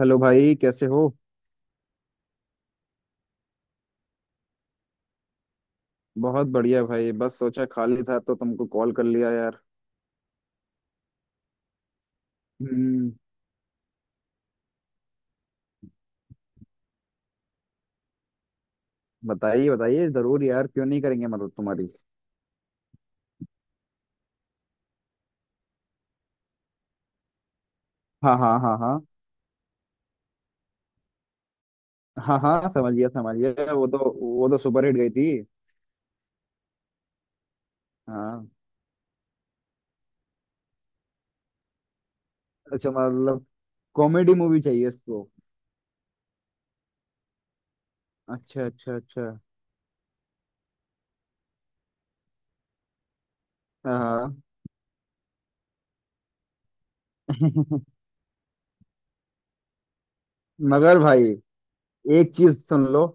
Hello भाई, कैसे हो। बहुत बढ़िया भाई, बस सोचा खाली था तो तुमको कॉल कर लिया यार। हम्म। बताइए बताइए, जरूर यार, क्यों नहीं करेंगे मदद तुम्हारी। हाँ हाँ हाँ हाँ। हाँ हाँ समझ गया समझ गया, वो तो सुपर हिट गई थी। हाँ। अच्छा मतलब कॉमेडी मूवी चाहिए इसको। अच्छा अच्छा अच्छा। हाँ। मगर भाई, एक चीज सुन लो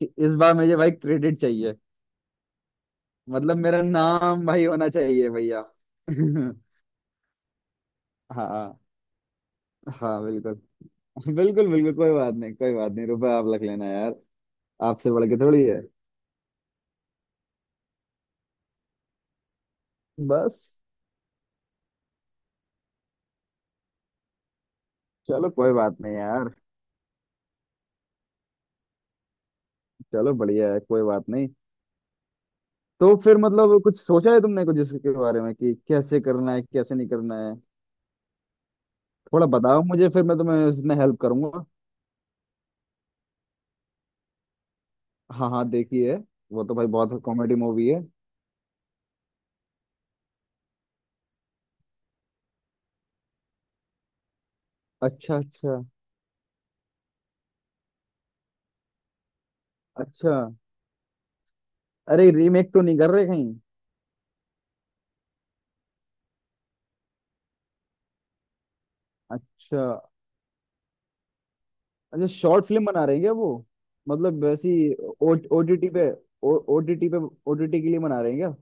कि इस बार मुझे भाई क्रेडिट चाहिए। मतलब मेरा नाम भाई होना चाहिए भैया। हाँ। हाँ बिल्कुल बिल्कुल। बिल्कुल कोई बात नहीं, कोई बात नहीं, रुपए आप रख लेना यार। आपसे बढ़ के थोड़ी है। बस चलो, कोई बात नहीं यार। चलो बढ़िया है, कोई बात नहीं। तो फिर मतलब कुछ सोचा है तुमने कुछ इसके बारे में कि कैसे करना है कैसे नहीं करना है। थोड़ा बताओ मुझे, फिर मैं तुम्हें इसमें हेल्प करूंगा। हाँ हाँ देखिए। वो तो भाई बहुत कॉमेडी मूवी है। अच्छा अच्छा अच्छा। अरे रीमेक तो नहीं कर रहे कहीं। अच्छा। अच्छा, शॉर्ट फिल्म बना रहे हैं क्या वो। मतलब वैसी ओटीटी पे, ओटीटी पे, ओटीटी के लिए बना रहे हैं क्या।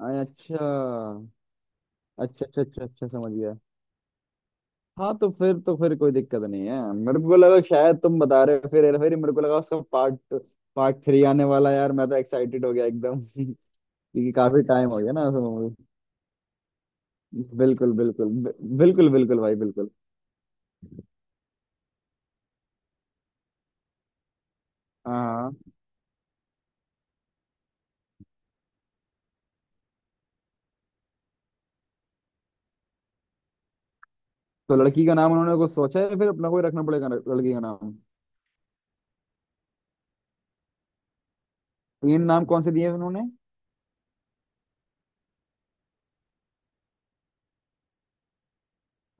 अच्छा अच्छा अच्छा अच्छा। अच्छा समझ गया। हाँ, तो फिर कोई दिक्कत नहीं है, मेरे को लगा शायद तुम बता रहे हो फिर हेरा फेरी, मेरे को लगा उसका पार्ट, पार्ट 3 आने वाला है यार, मैं तो एक्साइटेड हो गया एकदम। क्योंकि काफी टाइम हो गया ना उस बिल्कुल बिल्कुल बिल्कुल बिल्कुल भाई बिल्कुल। हाँ। तो लड़की का नाम उन्होंने कुछ सोचा है फिर, अपना कोई रखना पड़ेगा लड़की का नाम। तीन नाम कौन से दिए हैं उन्होंने।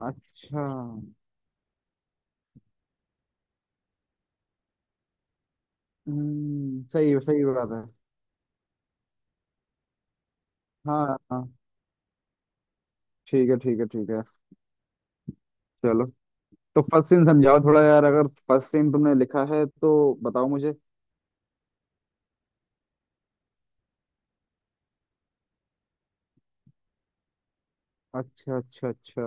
अच्छा। हम्म, सही है, सही बात है। हाँ हाँ, ठीक है ठीक है ठीक है। चलो। तो फर्स्ट सीन समझाओ थोड़ा यार, अगर फर्स्ट सीन तुमने लिखा है तो। बताओ मुझे। अच्छा अच्छा अच्छा।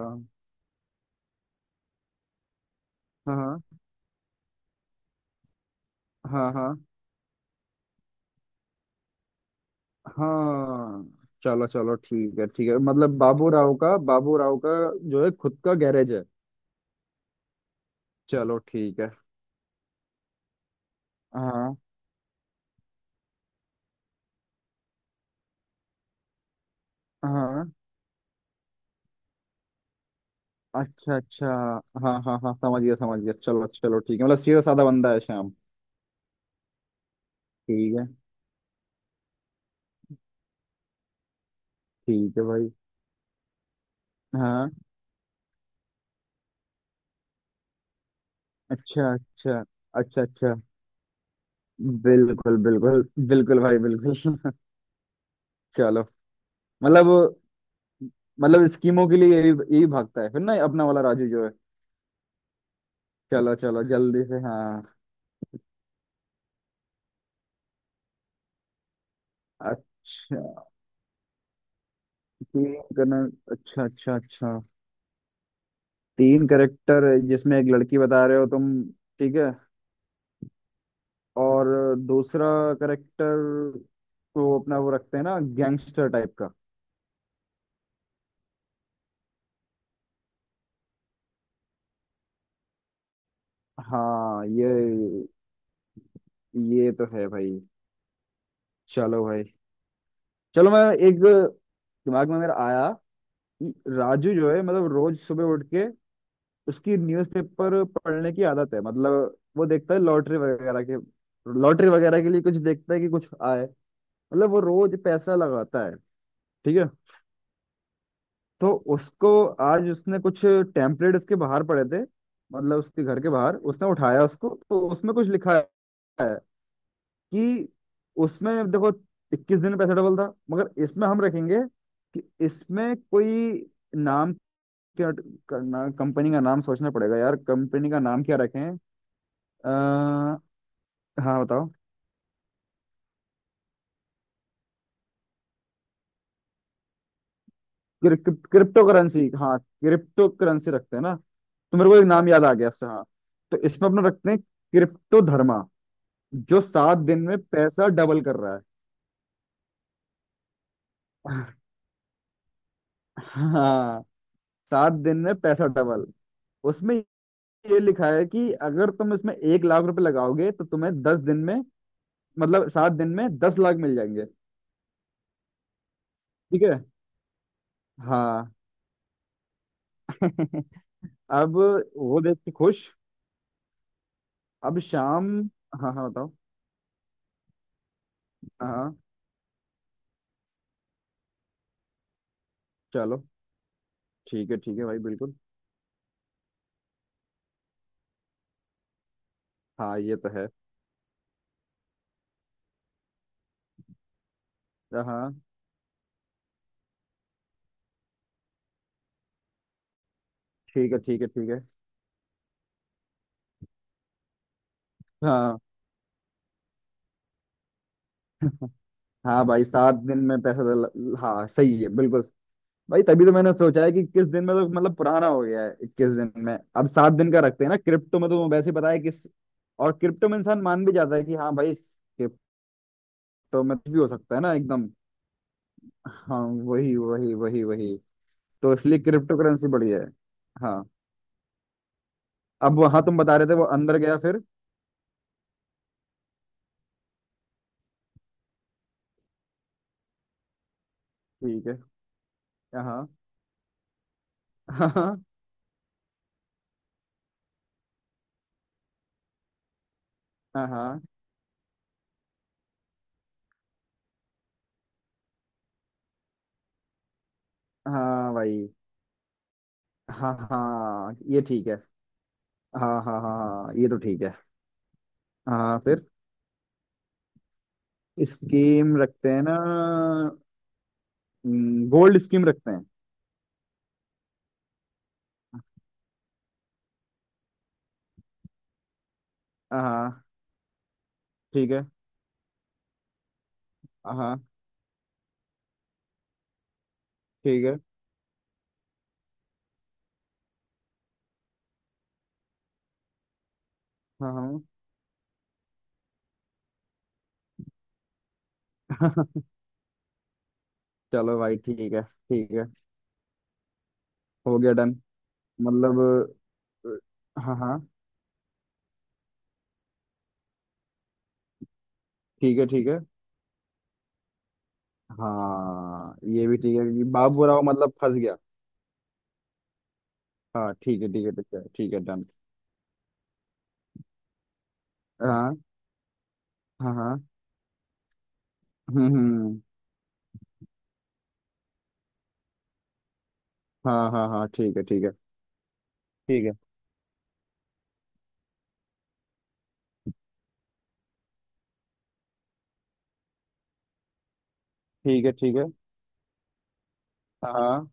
हाँ हाँ हाँ हाँ हाँ। चलो चलो ठीक है ठीक है, मतलब बाबू राव का, बाबू राव का जो है खुद का गैरेज है। चलो ठीक है। हाँ हाँ। अच्छा अच्छा। हाँ हाँ हाँ समझ गया समझ गया, चलो चलो ठीक है, मतलब सीधा साधा बंदा है श्याम। ठीक है। ठीक है भाई। हाँ। अच्छा अच्छा अच्छा अच्छा। बिल्कुल बिल्कुल। बिल्कुल भाई बिल्कुल। चलो। मतलब मतलब स्कीमों के लिए यही यही भागता है फिर ना, अपना वाला राजू जो है। चलो चलो जल्दी से, हाँ। अच्छा। तीन करना। अच्छा अच्छा अच्छा। तीन करेक्टर जिसमें एक लड़की बता रहे हो तुम। ठीक है। और दूसरा करेक्टर तो अपना वो रखते हैं ना गैंगस्टर टाइप का। हाँ, ये तो है भाई। चलो भाई। चलो, मैं एक, दिमाग में मेरा आया कि राजू जो है मतलब रोज सुबह उठ के उसकी न्यूज़पेपर पढ़ने की आदत है, मतलब वो देखता है लॉटरी वगैरह के, लॉटरी वगैरह के लिए कुछ देखता है कि कुछ आए, मतलब वो रोज पैसा लगाता है। ठीक है। तो उसको आज उसने कुछ टेम्पलेट उसके बाहर पड़े थे, मतलब उसके घर के बाहर उसने उठाया उसको तो उसमें कुछ लिखा है कि उसमें देखो 21 दिन में पैसा डबल था, मगर इसमें हम रखेंगे कि इसमें कोई नाम, क्या करना, कंपनी का नाम सोचना पड़ेगा यार, कंपनी का नाम क्या रखें। आ, हाँ बताओ। क्रिप्टो करेंसी, हाँ क्रिप्टो करेंसी रखते हैं ना। तो मेरे को एक नाम याद आ गया इससे। हाँ। तो इसमें अपना रखते हैं क्रिप्टो धर्मा जो 7 दिन में पैसा डबल कर रहा है। हाँ। 7 दिन में पैसा डबल, उसमें ये लिखा है कि अगर तुम इसमें 1 लाख रुपए लगाओगे तो तुम्हें 10 दिन में, मतलब 7 दिन में 10 लाख मिल जाएंगे। ठीक है। हाँ। अब वो देख के खुश। अब शाम। हाँ हाँ बताओ। हाँ हाँ। चलो। ठीक है भाई बिल्कुल। हाँ ये तो है। हाँ हाँ, ठीक है ठीक है ठीक है। हाँ। हाँ भाई 7 दिन में पैसा डल-, हाँ सही है बिल्कुल। भाई तभी तो मैंने सोचा है कि किस दिन में, तो मतलब पुराना हो गया है 21 दिन में, अब 7 दिन का रखते हैं ना, क्रिप्टो में तो तुम्हें वैसे ही पता है किस। और क्रिप्टो में इंसान मान भी जाता है कि हाँ भाई क्रिप्टो में कुछ भी हो सकता है ना एकदम। हाँ। वही वही वही वही। तो इसलिए क्रिप्टो करेंसी बढ़िया है। हाँ। अब हाँ तुम बता रहे थे वो अंदर गया फिर। ठीक है। हाँ हाँ हाँ हाँ। हाँ भाई। हाँ हाँ ये ठीक है। हाँ हाँ हाँ हाँ, ये तो ठीक है। हाँ फिर, स्कीम रखते हैं ना, गोल्ड स्कीम रखते हैं। हाँ। ठीक है। हाँ। ठीक है। हाँ हाँ। चलो भाई ठीक है ठीक है, हो गया डन। मतलब, हाँ हाँ। ठीक है ठीक है। हाँ ये भी ठीक है कि बाबू राव मतलब फंस गया। हाँ ठीक है ठीक है ठीक है ठीक है डन। हाँ हाँ हाँ। हम्म। हाँ हाँ हाँ ठीक है ठीक है। ठीक है। ठीक है ठीक है। हाँ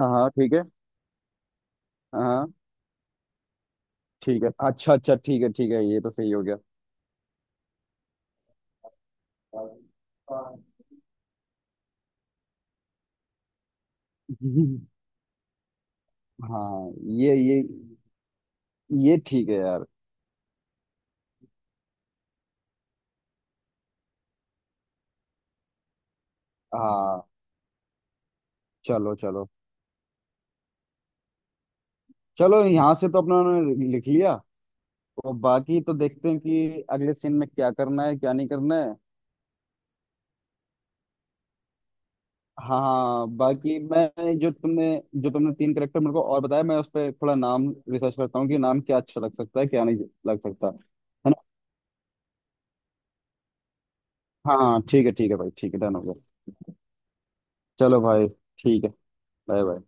हाँ ठीक है। हाँ ठीक है। अच्छा अच्छा, ठीक है ठीक है, ये तो सही हो गया। हाँ। ये ये ये ठीक है यार। हाँ। चलो चलो। चलो, यहाँ से तो अपना उन्होंने लिख लिया, और बाकी तो देखते हैं कि अगले सीन में क्या करना है क्या नहीं करना है। हाँ, बाकी मैं, जो तुमने जो तुमने तीन करेक्टर मेरे को और बताया, मैं उस पर थोड़ा नाम रिसर्च करता हूँ कि नाम क्या अच्छा लग सकता है क्या नहीं लग सकता। है ना। हाँ ठीक है भाई, ठीक है डन हो गया। चलो भाई। ठीक है। Bye bye.